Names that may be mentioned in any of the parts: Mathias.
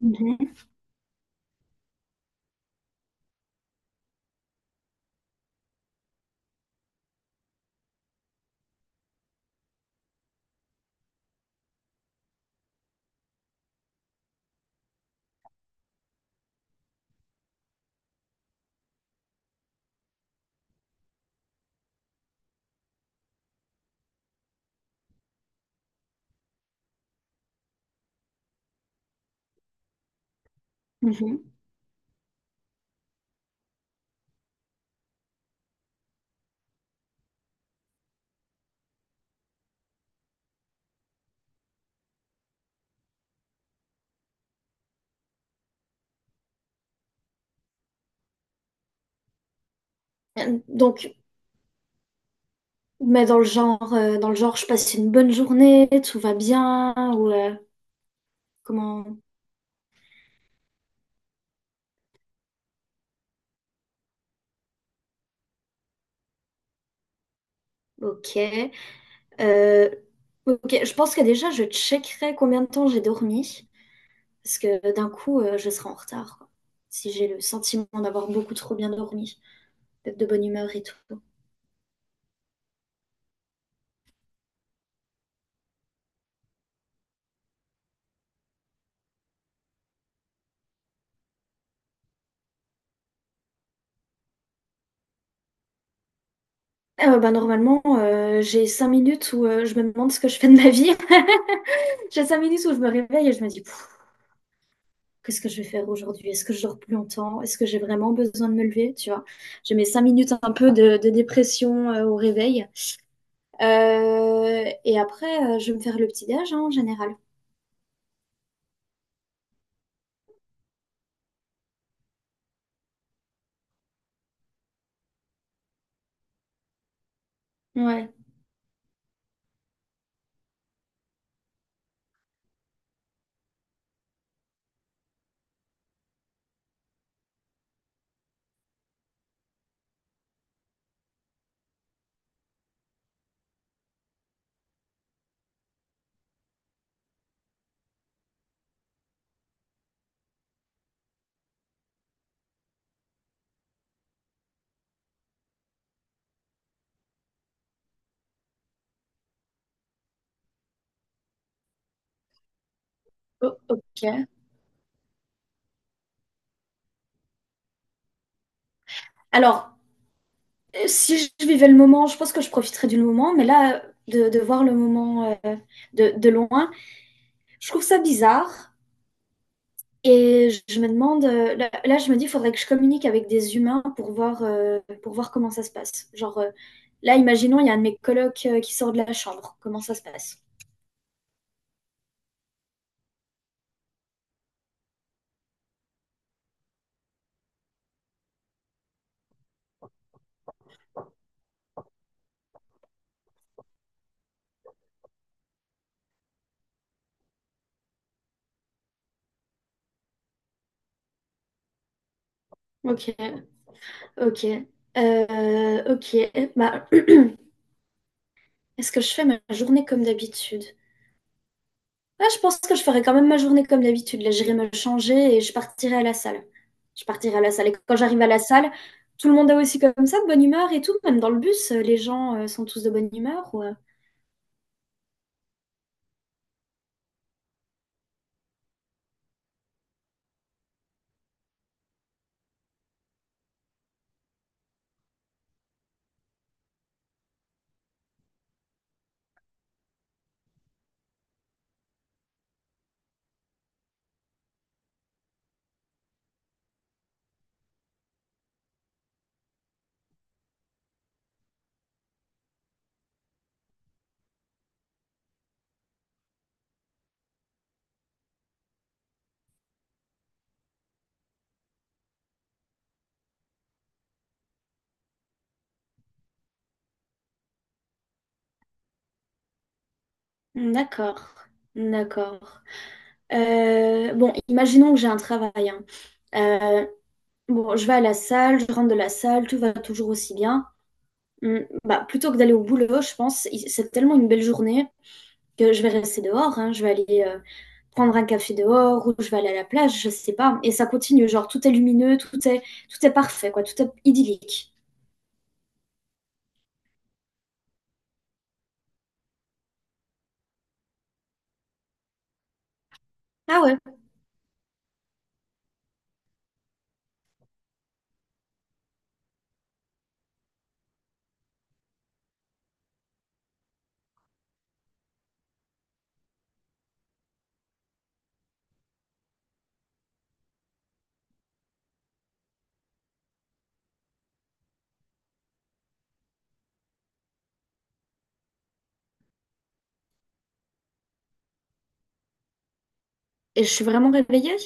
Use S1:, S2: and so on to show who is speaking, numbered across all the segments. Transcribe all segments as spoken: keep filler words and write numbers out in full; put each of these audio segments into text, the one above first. S1: Mhm, mhm. Euh, Donc, mais dans le genre, euh, dans le genre, je passe une bonne journée, tout va bien, ou euh, comment? Ok. Euh, ok, je pense que déjà, je checkerai combien de temps j'ai dormi, parce que d'un coup, euh, je serai en retard, quoi. Si j'ai le sentiment d'avoir beaucoup trop bien dormi, d'être de bonne humeur et tout. Euh, bah, normalement, euh, j'ai cinq minutes où euh, je me demande ce que je fais de ma vie. J'ai cinq minutes où je me réveille et je me dis, qu'est-ce que je vais faire aujourd'hui? Est-ce que je dors plus longtemps? Est-ce que j'ai vraiment besoin de me lever? Tu vois, j'ai mes cinq minutes un peu de, de dépression euh, au réveil. Euh, et après, euh, je vais me faire le petit déj, hein, en général. Ouais. O- ok. Alors, euh, si je vivais le moment, je pense que je profiterais du moment, mais là, de, de voir le moment euh, de, de loin, je trouve ça bizarre. Et je me demande, euh, là, là, je me dis, il faudrait que je communique avec des humains pour voir, euh, pour voir comment ça se passe. Genre, euh, là, imaginons, il y a un de mes colocs euh, qui sort de la chambre. Comment ça se passe? Ok, ok, Euh, ok. Bah, est-ce que je fais ma journée comme d'habitude? Ah, je pense que je ferai quand même ma journée comme d'habitude. Là, j'irai me changer et je partirai à la salle. Je partirai à la salle. Et quand j'arrive à la salle, tout le monde est aussi comme ça, de bonne humeur et tout. Même dans le bus, euh, les gens euh, sont tous de bonne humeur. Ou, euh, D'accord, d'accord. Euh, bon, imaginons que j'ai un travail, hein. Euh, bon, je vais à la salle, je rentre de la salle, tout va toujours aussi bien. Hum, bah, plutôt que d'aller au boulot, je pense, il- c'est tellement une belle journée que je vais rester dehors, hein. Je vais aller euh, prendre un café dehors ou je vais aller à la plage, je sais pas. Et ça continue, genre tout est lumineux, tout est, tout est parfait, quoi, tout est idyllique. Ah ouais, et je suis vraiment réveillée?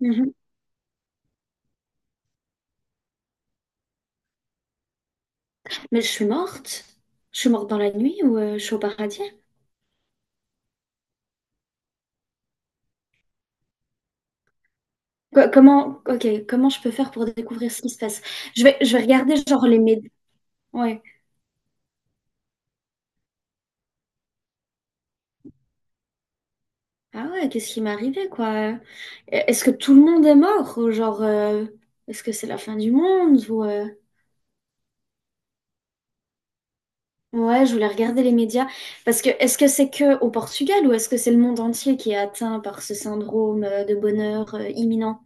S1: Mhm. Mais je suis morte? Je suis morte dans la nuit ou euh, je suis au paradis? Quoi- comment, ok, comment je peux faire pour découvrir ce qui se passe? Je vais, je vais regarder genre les médias. Ouais. Ah ouais, qu'est-ce qui m'est arrivé, quoi? Euh, Est-ce que tout le monde est mort? Ou genre, euh, est-ce que c'est la fin du monde? Ou euh, Ouais, je voulais regarder les médias. Parce que est-ce que c'est que au Portugal ou est-ce que c'est le monde entier qui est atteint par ce syndrome euh, de bonheur euh, imminent?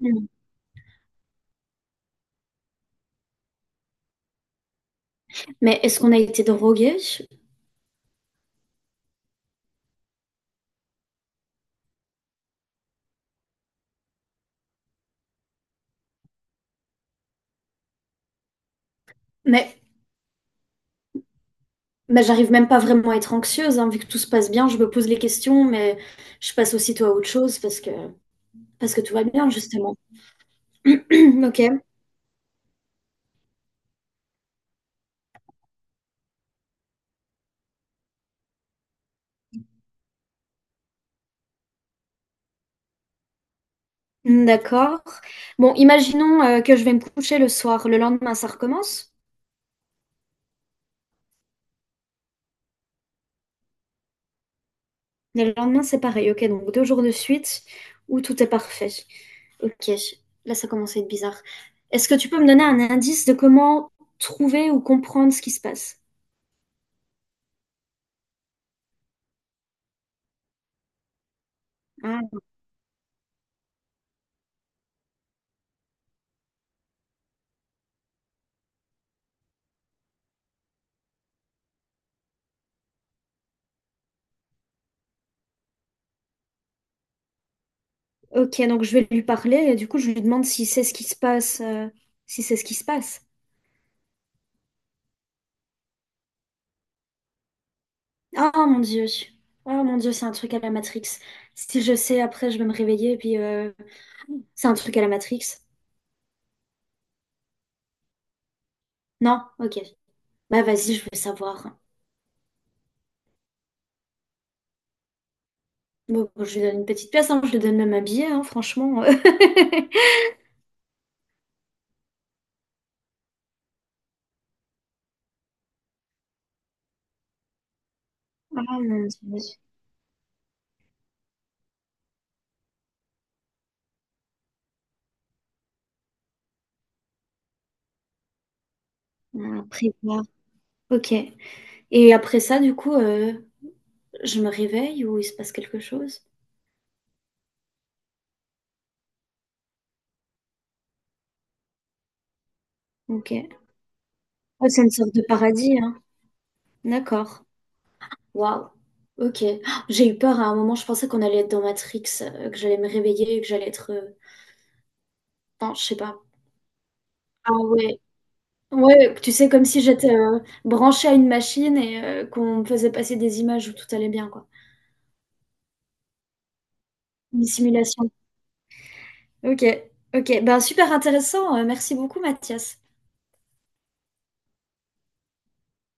S1: Mm. Mais est-ce qu'on a été drogué? Mais Mais j'arrive même pas vraiment à être anxieuse, hein, vu que tout se passe bien, je me pose les questions, mais je passe aussitôt à autre chose parce que, parce que tout va bien, justement. Ok, d'accord. Bon, imaginons euh, que je vais me coucher le soir, le lendemain ça recommence, mais le lendemain c'est pareil, ok, donc deux jours de suite où tout est parfait. Ok, là ça commence à être bizarre. Est-ce que tu peux me donner un indice de comment trouver ou comprendre ce qui se passe? Ah. Ok, donc je vais lui parler et du coup je lui demande si c'est ce qui se passe, euh, si c'est ce qui se passe. Ah mon Dieu, ah mon Dieu, c'est un truc à la Matrix. Si je sais, après je vais me réveiller et puis euh, c'est un truc à la Matrix. Non, ok. Bah vas-y, je veux savoir. Bon, bon, je lui donne une petite pièce, hein, je lui donne même un billet, hein, franchement. Ah mon Dieu. Ah, après, voilà. Ok. Et après ça, du coup, euh, je me réveille ou il se passe quelque chose? Ok. Oh, c'est une sorte de paradis, hein. D'accord. Waouh. Ok. Ah, j'ai eu peur à un moment, je pensais qu'on allait être dans Matrix, euh, que j'allais me réveiller, et que j'allais être... euh, Enfin, je sais pas. Ah ouais. Ouais, tu sais, comme si j'étais euh, branchée à une machine et euh, qu'on me faisait passer des images où tout allait bien, quoi. Une simulation. Ok, ok. Ben, super intéressant. Euh, merci beaucoup, Mathias.